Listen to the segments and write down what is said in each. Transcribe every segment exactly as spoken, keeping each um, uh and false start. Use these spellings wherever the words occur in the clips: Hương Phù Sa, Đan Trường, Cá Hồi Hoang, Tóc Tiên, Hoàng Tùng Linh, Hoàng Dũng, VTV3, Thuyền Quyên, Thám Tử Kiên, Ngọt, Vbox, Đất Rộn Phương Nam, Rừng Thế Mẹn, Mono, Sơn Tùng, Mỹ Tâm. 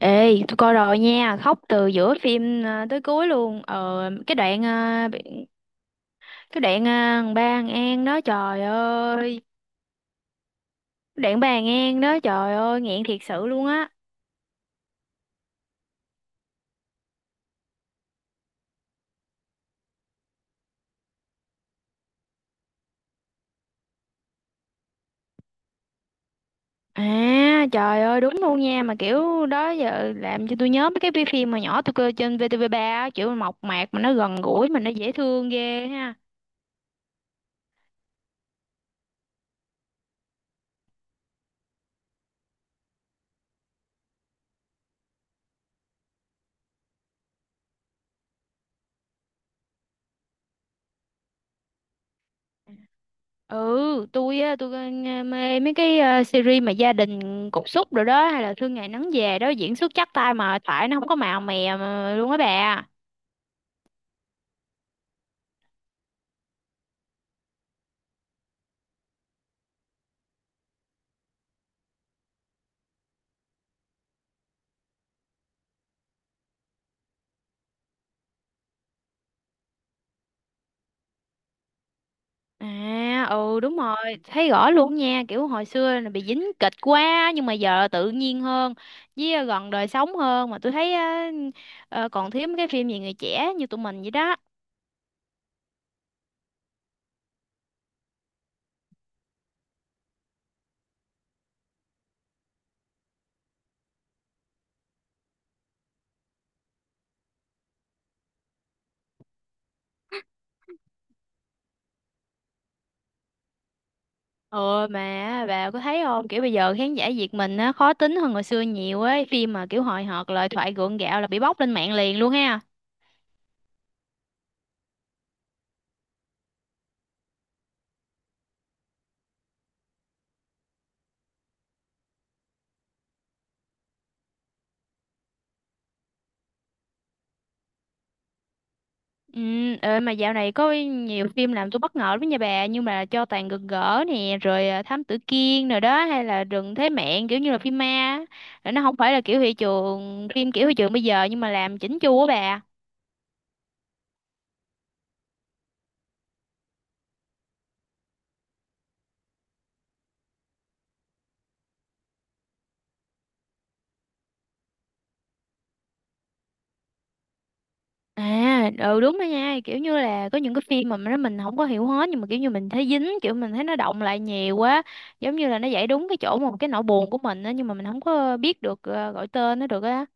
Ê, tôi coi rồi nha, khóc từ giữa phim à, tới cuối luôn. Ờ, cái đoạn à, bị- cái đoạn à, thằng ba An An đó trời ơi, cái đoạn ba An An đó trời ơi, nghẹn thiệt sự luôn á. À, trời ơi đúng luôn nha, mà kiểu đó giờ làm cho tôi nhớ mấy cái phim mà nhỏ tôi coi trên vê tê vê ba á, kiểu mộc mạc mà nó gần gũi mà nó dễ thương ghê ha. Ừ, tôi á tôi ờ, nghe- mê mấy cái ờ, series mà gia đình cục súc rồi đó, hay là Thương Ngày Nắng Về đó, diễn xuất chắc tay mà tại nó không có màu mè mà luôn á bà. À, ừ đúng rồi. Thấy rõ luôn nha, kiểu hồi xưa là bị dính kịch quá nhưng mà giờ tự nhiên hơn với, ờ, gần đời sống hơn mà tôi thấy á. Ờ, còn thiếu mấy cái phim về người trẻ như tụi mình vậy đó. Ừ, mà bà có thấy không? Kiểu bây giờ khán giả Việt mình á khó tính hơn hồi xưa nhiều ấy, phim mà kiểu hời hợt, lời thoại gượng gạo là bị bóc lên mạng liền luôn ha. Ừ. ờ, mà dạo này có nhiều phim làm tôi bất ngờ lắm nha bà, nhưng mà Cho Tàn Gật Gỡ nè, rồi à, Thám Tử Kiên rồi đó, hay là Rừng Thế Mẹn, kiểu như là phim ma á. Rồi nó không phải là kiểu thị trường, phim kiểu thị trường bây giờ nhưng mà làm chỉnh chu á bà. À, ừ đúng đó nha, kiểu như là có những cái phim mà nó mình không có hiểu hết nhưng mà kiểu như mình thấy dính, kiểu mình thấy nó động lại nhiều quá, giống như là nó giải đúng cái chỗ mà cái nỗi buồn của mình á, nhưng mà mình không có biết được ờ, gọi tên nó được á.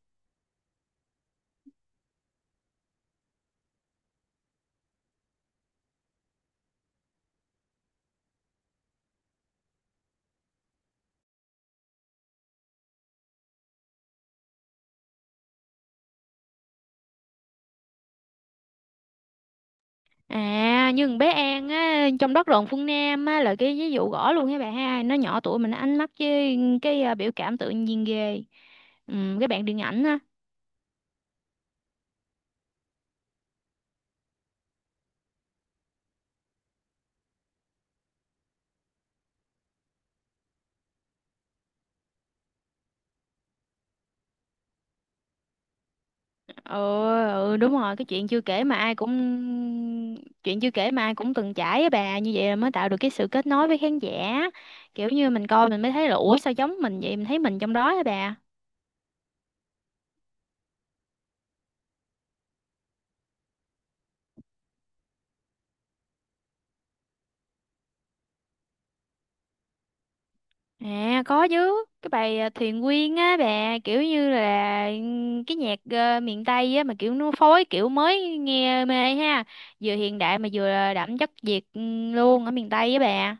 À, như con bé An á trong Đất Rộn Phương Nam á là cái ví dụ rõ luôn nha bà ha, nó nhỏ tuổi mình nó ánh mắt với cái ờ, biểu cảm tự nhiên ghê. Ừ, cái bạn điện ảnh á. Ừ, ừ đúng rồi. Cái chuyện chưa kể mà ai cũng Chuyện chưa kể mà ai cũng từng trải á bà, như vậy là mới tạo được cái sự kết nối với khán giả, kiểu như mình coi mình mới thấy là ủa sao giống mình vậy, mình thấy mình trong đó á bà. À, có chứ. Cái bài à, Thuyền Quyên á bà, kiểu như là ừm, cái nhạc ờ, miền Tây á mà kiểu nó phối kiểu mới nghe mê ha. Vừa hiện đại mà vừa đậm chất Việt ừm, luôn ở miền Tây á bà.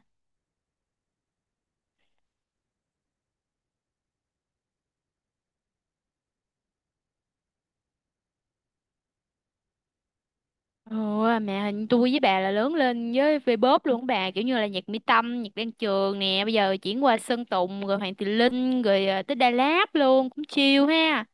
Ủa, mẹ hình tôi với bà là lớn lên với V-pop luôn á bà, kiểu như là nhạc Mỹ Tâm, nhạc Đan Trường nè, bây giờ chuyển qua Sơn Tùng rồi Hoàng Tùng Linh rồi à, tới Đà Lạt luôn cũng chill ha.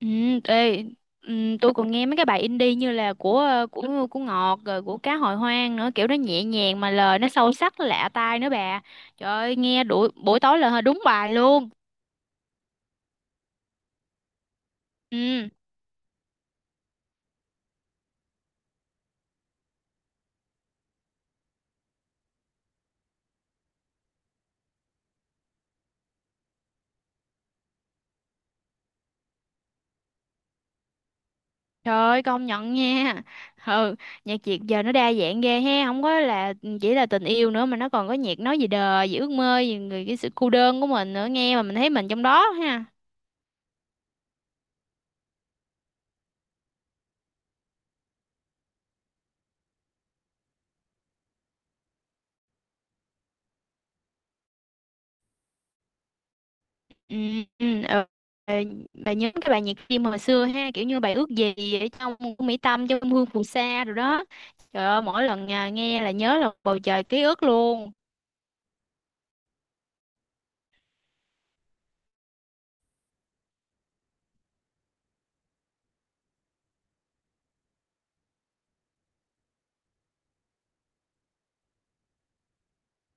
Ừ. Ê, ừ, tôi còn nghe mấy cái bài indie như là của ờ, của của Ngọt, rồi của Cá Hồi Hoang nữa, kiểu nó nhẹ nhàng mà lời nó sâu sắc lạ tai nữa bà. Trời ơi nghe đuổi, buổi tối là đúng bài luôn. Ừ. Trời ơi, công nhận nha. Ừ, nhạc Việt giờ nó đa dạng ghê ha, không có là chỉ là tình yêu nữa mà nó còn có nhạc nói về đời, về ước mơ, về người, cái sự cô đơn của mình nữa, nghe mà mình thấy mình trong đó ha. Ừ, ừ, ừ. Ờ, Bà nhớ cái bài nhạc phim hồi xưa ha, kiểu như bài Ước Gì ở trong của Mỹ Tâm trong Hương Phù Sa rồi đó. Trời ơi, mỗi lần à, nghe là nhớ là bầu trời ký ức luôn.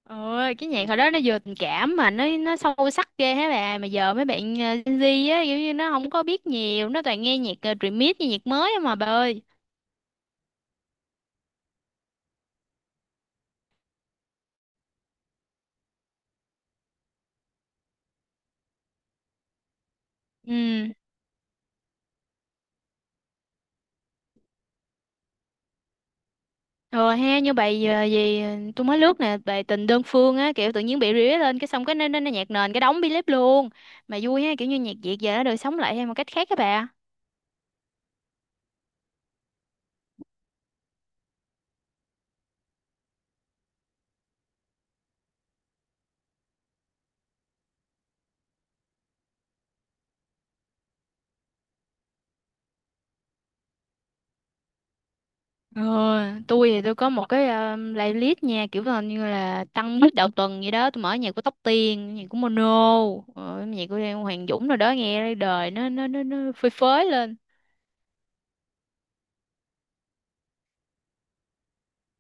Ơi, cái nhạc hồi đó nó vừa tình cảm mà nó nó sâu sắc ghê hả bà. Mà giờ mấy bạn ờ, Gen Z á kiểu như nó không có biết nhiều, nó toàn nghe nhạc uh, remix với nhạc mới á mà bà ơi. Ừ, rồi ha, như bài ờ, gì ờ, tôi mới lướt nè bài Tình Đơn Phương á, kiểu tự nhiên bị rỉa lên cái xong cái nó nó nó nhạc nền cái đóng bi lép luôn. Mà vui ha, kiểu như nhạc Việt giờ nó được sống lại theo một cách khác các bà. Ờ, tôi thì tôi có một cái um, playlist nha, kiểu là như là tăng bít đầu tuần vậy đó, tôi mở nhạc của Tóc Tiên, nhạc của Mono, ờ, nhạc của Hoàng Dũng rồi đó, nghe đời nó nó nó, nó phơi phới lên.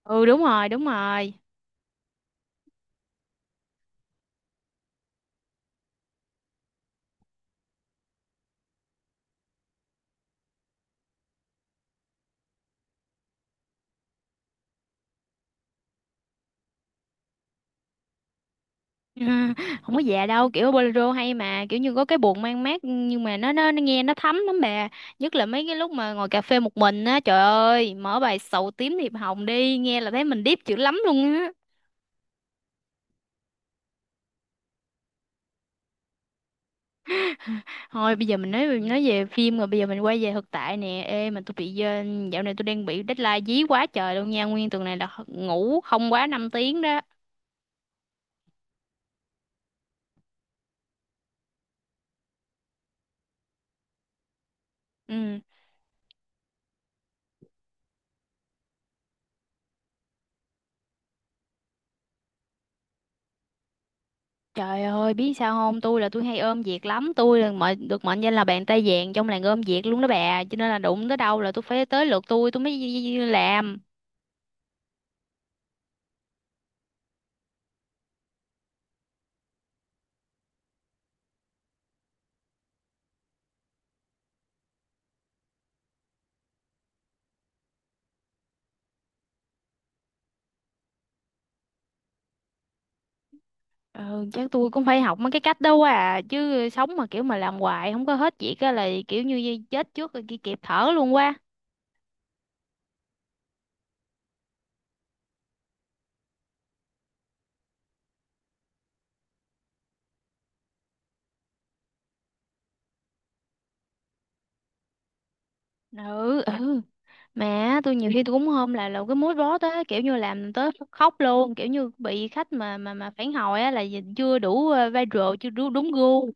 Ừ, đúng rồi, đúng rồi. Không có già đâu, kiểu bolero hay mà kiểu như có cái buồn mang mát nhưng mà nó nó, nó nghe nó thấm lắm bà, nhất là mấy cái lúc mà ngồi cà phê một mình á, trời ơi, mở bài Sầu Tím Thiệp Hồng đi nghe là thấy mình deep dữ lắm luôn. Thôi bây giờ mình nói nói về phim rồi, bây giờ mình quay về thực tại nè. Ê mà tôi bị, ờ, dạo này tôi đang bị deadline dí quá trời luôn nha. Nguyên tuần này là h- ngủ không quá năm tiếng đó. Ừ. Trời ơi, biết sao không? Tôi là tôi hay ôm việc lắm, tôi là mệnh được mệnh danh là bàn tay vàng trong làng ôm việc luôn đó bà, cho nên là đụng tới đâu là tôi phải tới lượt tôi tôi mới làm. Ừ, chắc tôi cũng phải học mấy cái cách đâu à, chứ sống mà kiểu mà làm hoài không có hết việc á là kiểu như chết trước rồi kia kịp thở luôn quá. Ừ, ừ. Mà tôi nhiều khi tôi cũng hôm là là cái mood board á, kiểu như làm tới khóc luôn, kiểu như bị khách mà mà mà phản hồi á là gì- chưa đủ ờ, viral, chưa đủ đúng gu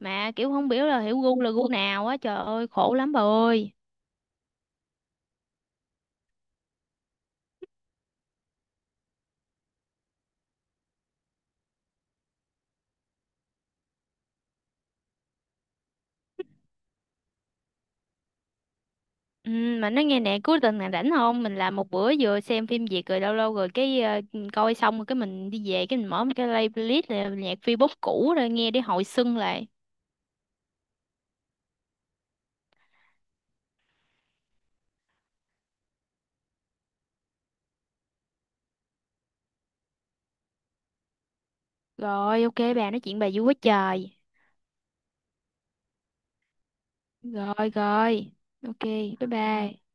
mà kiểu không biết là hiểu gu là gu nào á, trời ơi khổ lắm bà ơi. Ừ, mà nói nghe nè, cuối tuần này rảnh không? Mình làm một bữa vừa xem phim Việt rồi lâu lâu rồi cái, ờ, coi xong rồi cái mình đi về cái mình mở một cái play- playlist là nhạc Vbox cũ rồi nghe để hồi xuân lại. Rồi, ok, bà nói chuyện bà vui quá trời. Rồi, rồi, ok, bye bye.